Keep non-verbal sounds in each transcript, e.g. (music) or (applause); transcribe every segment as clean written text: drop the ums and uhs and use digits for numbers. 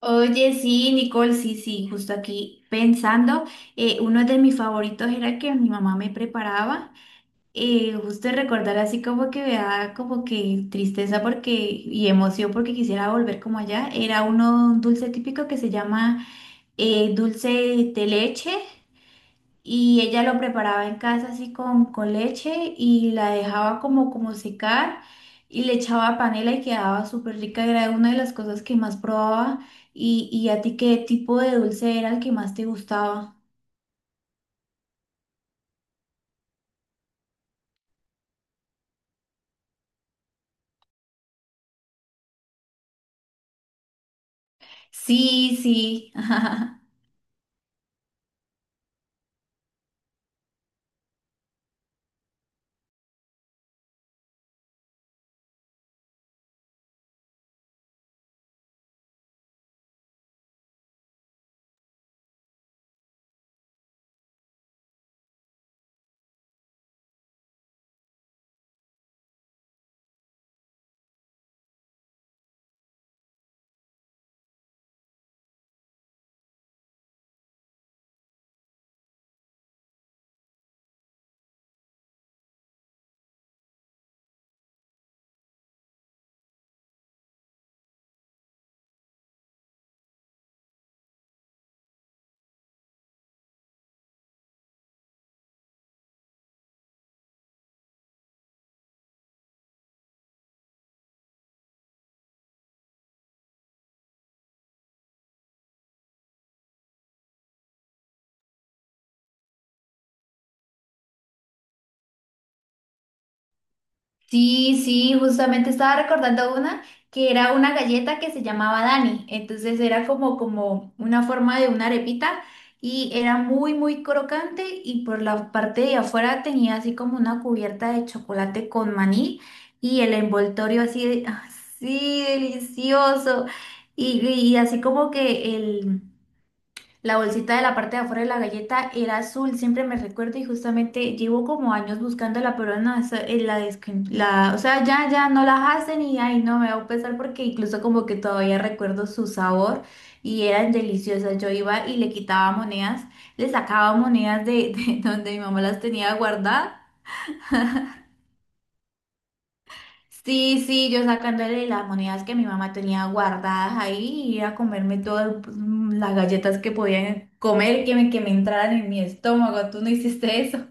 Oye, sí, Nicole, sí, sí, justo aquí pensando, uno de mis favoritos era que mi mamá me preparaba, justo recordar así como que me da como que tristeza porque y emoción porque quisiera volver como allá, era uno un dulce típico que se llama dulce de leche y ella lo preparaba en casa así con leche y la dejaba como, como secar y le echaba panela y quedaba súper rica. Era una de las cosas que más probaba. ¿Y a ti qué tipo de dulce era el que más te gustaba? Sí, sí. (laughs) Sí, sí, justamente estaba recordando una que era una galleta que se llamaba Dani. Entonces era como, como una forma de una arepita y era muy, muy crocante y por la parte de afuera tenía así como una cubierta de chocolate con maní y el envoltorio así, (laughs) así delicioso y así como que el... La bolsita de la parte de afuera de la galleta era azul, siempre me recuerdo y justamente llevo como años buscándola, pero no, eso, o sea, ya no la hacen y ay, no me va a pesar porque incluso como que todavía recuerdo su sabor y eran deliciosas. Yo iba y le quitaba monedas, le sacaba monedas de (laughs) donde mi mamá las tenía guardadas. Sí, sí, yo sacándole las monedas que mi mamá tenía guardadas ahí y ir a comerme todas pues, las galletas que podía comer, que me entraran en mi estómago. ¿Tú no hiciste eso?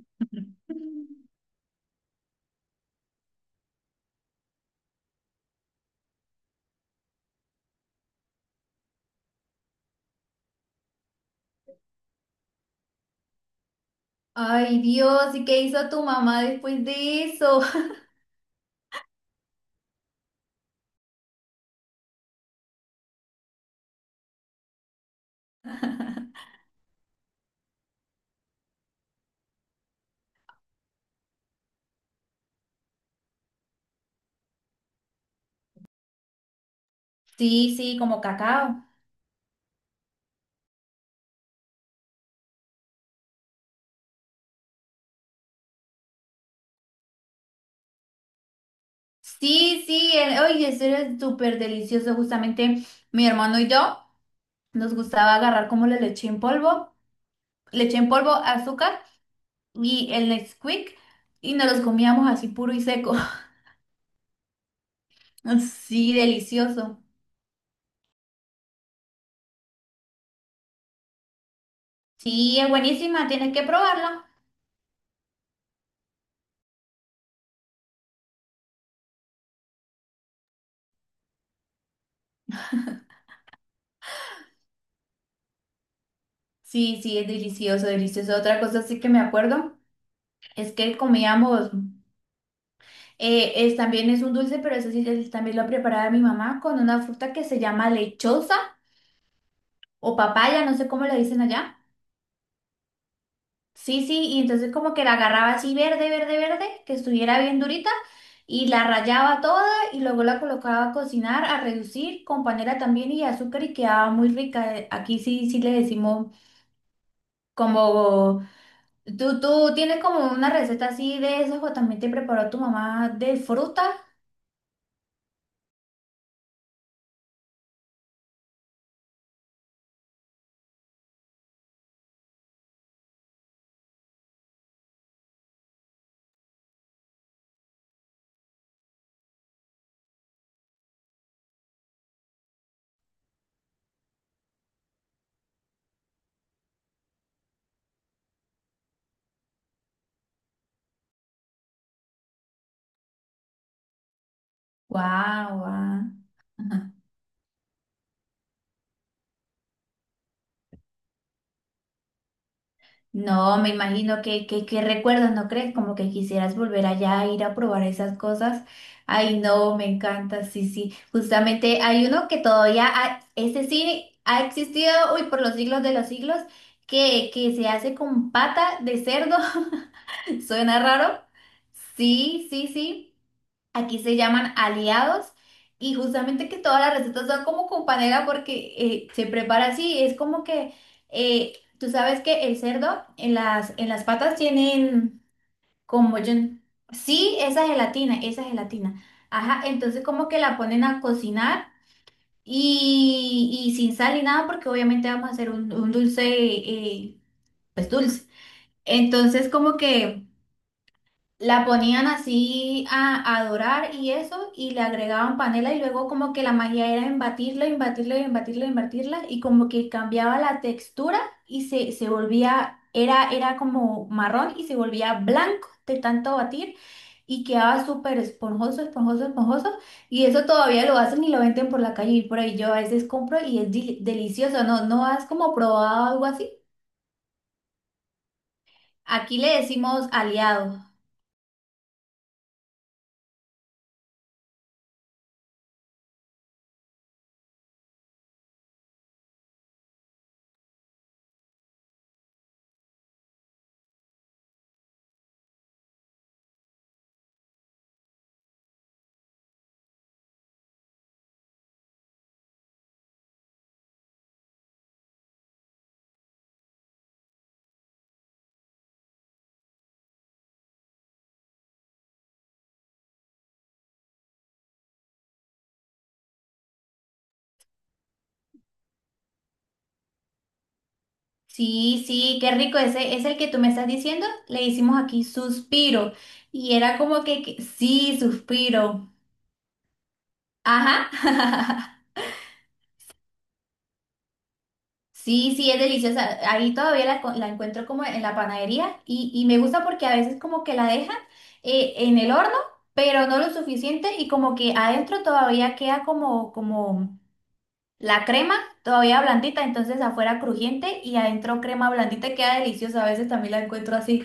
(laughs) Ay, Dios, ¿y qué hizo tu mamá después de eso? (laughs) Sí, sí, como cacao. Sí, sí, el, oye, eso era súper delicioso. Justamente mi hermano y yo nos gustaba agarrar como la leche en polvo, azúcar y el Nesquik y nos los comíamos así puro y seco. Ah, sí, delicioso. Sí, es buenísima, tienes que probarla. Sí, sí, es delicioso, delicioso. Otra cosa sí que me acuerdo es que comíamos, también es un dulce, pero eso sí también lo preparaba mi mamá con una fruta que se llama lechosa o papaya, no sé cómo le dicen allá. Sí, sí, y entonces como que la agarraba así verde, verde, verde, que estuviera bien durita, y la rallaba toda y luego la colocaba a cocinar, a reducir con panela también y azúcar y quedaba muy rica. Aquí sí, sí le decimos. Como tú tienes como una receta así de esas o también te preparó tu mamá de fruta. Guau, guau. Ajá. No, me imagino que recuerdos, ¿no crees? Como que quisieras volver allá a ir a probar esas cosas. Ay, no, me encanta, sí, sí. Justamente hay uno que todavía, ese sí ha existido, uy, por los siglos de los siglos, que se hace con pata de cerdo. (laughs) Suena raro. Sí, sí, sí. Aquí se llaman aliados y justamente que todas las recetas son como con panela porque se prepara así. Es como que eh, tú sabes que el cerdo en las patas tienen como yo. Sí, esa gelatina, esa gelatina. Ajá, entonces como que la ponen a cocinar y sin sal y nada porque obviamente vamos a hacer un dulce, pues dulce. Entonces como que. La ponían así a dorar y eso, y le agregaban panela y luego como que la magia era embatirla, embatirla, embatirla, embatirla, y como que cambiaba la textura y se volvía, era, era como marrón y se volvía blanco de tanto batir y quedaba súper esponjoso, esponjoso, esponjoso, y eso todavía lo hacen y lo venden por la calle y por ahí yo a veces compro y es delicioso, ¿no? ¿No has como probado algo así? Aquí le decimos aliados. Sí, sí, qué rico. Ese es el que tú me estás diciendo. Le hicimos aquí suspiro. Y era como sí, suspiro. Ajá. (laughs) Sí, sí, es deliciosa. Ahí todavía la encuentro como en la panadería y me gusta porque a veces como que la dejan en el horno, pero no lo suficiente y como que adentro todavía queda como, como la crema todavía blandita, entonces afuera crujiente y adentro crema blandita queda deliciosa. A veces también la encuentro así.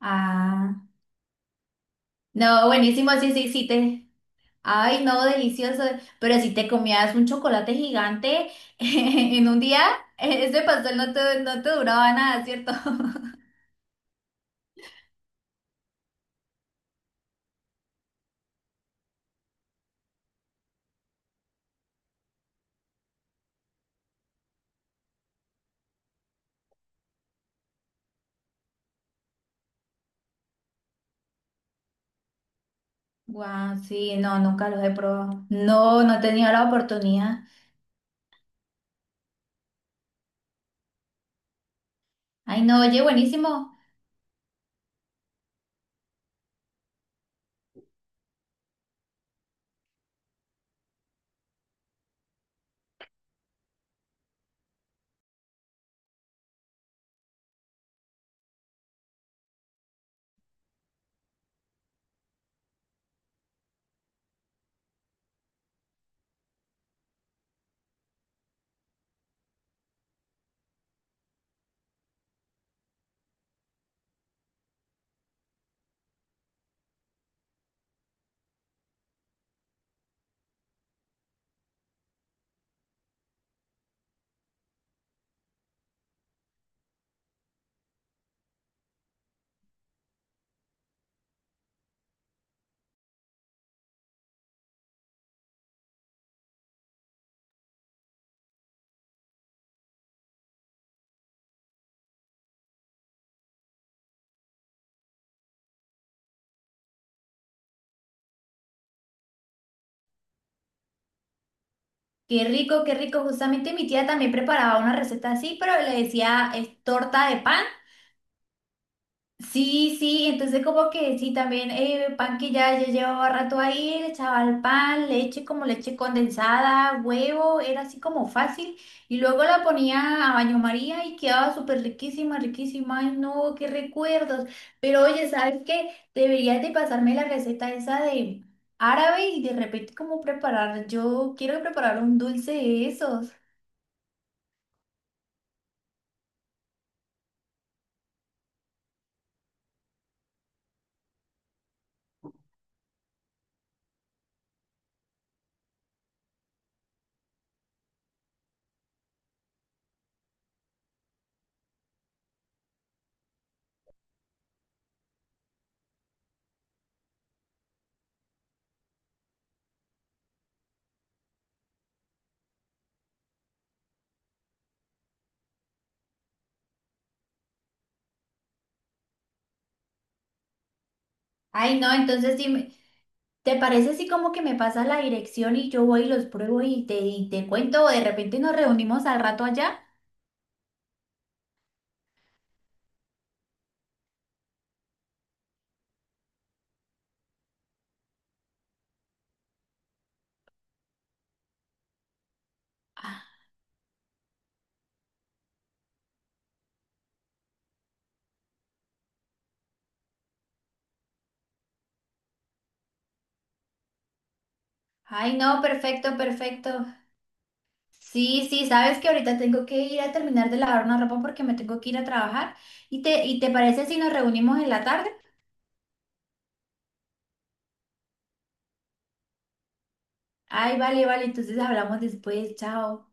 Ah. No, buenísimo, sí, sí, sí te. Ay, no, delicioso. Pero si te comías un chocolate gigante (laughs) en un día, ese pastel no te, no te duraba nada, ¿cierto? (laughs) Guau, sí, no, nunca los he probado. No, no he tenido la oportunidad. Ay, no, oye, buenísimo. Qué rico, qué rico. Justamente mi tía también preparaba una receta así, pero le decía es torta de pan. Sí, sí, entonces como que sí, también pan que ya, ya llevaba rato ahí, le echaba el pan, leche como leche condensada, huevo, era así como fácil. Y luego la ponía a baño María y quedaba súper riquísima, riquísima. Ay, no, qué recuerdos. Pero oye, ¿sabes qué? Deberías de pasarme la receta esa de árabe y de repente cómo preparar. Yo quiero preparar un dulce de esos. Ay, no, entonces sí. ¿Te parece así como que me pasas la dirección y yo voy y los pruebo y te cuento o de repente nos reunimos al rato allá? Ah, ay, no, perfecto, perfecto. Sí, sí, sabes que ahorita tengo que ir a terminar de lavar una ropa porque me tengo que ir a trabajar. ¿Y y te parece si nos reunimos en la tarde? Ay, vale, vale, entonces hablamos después, chao.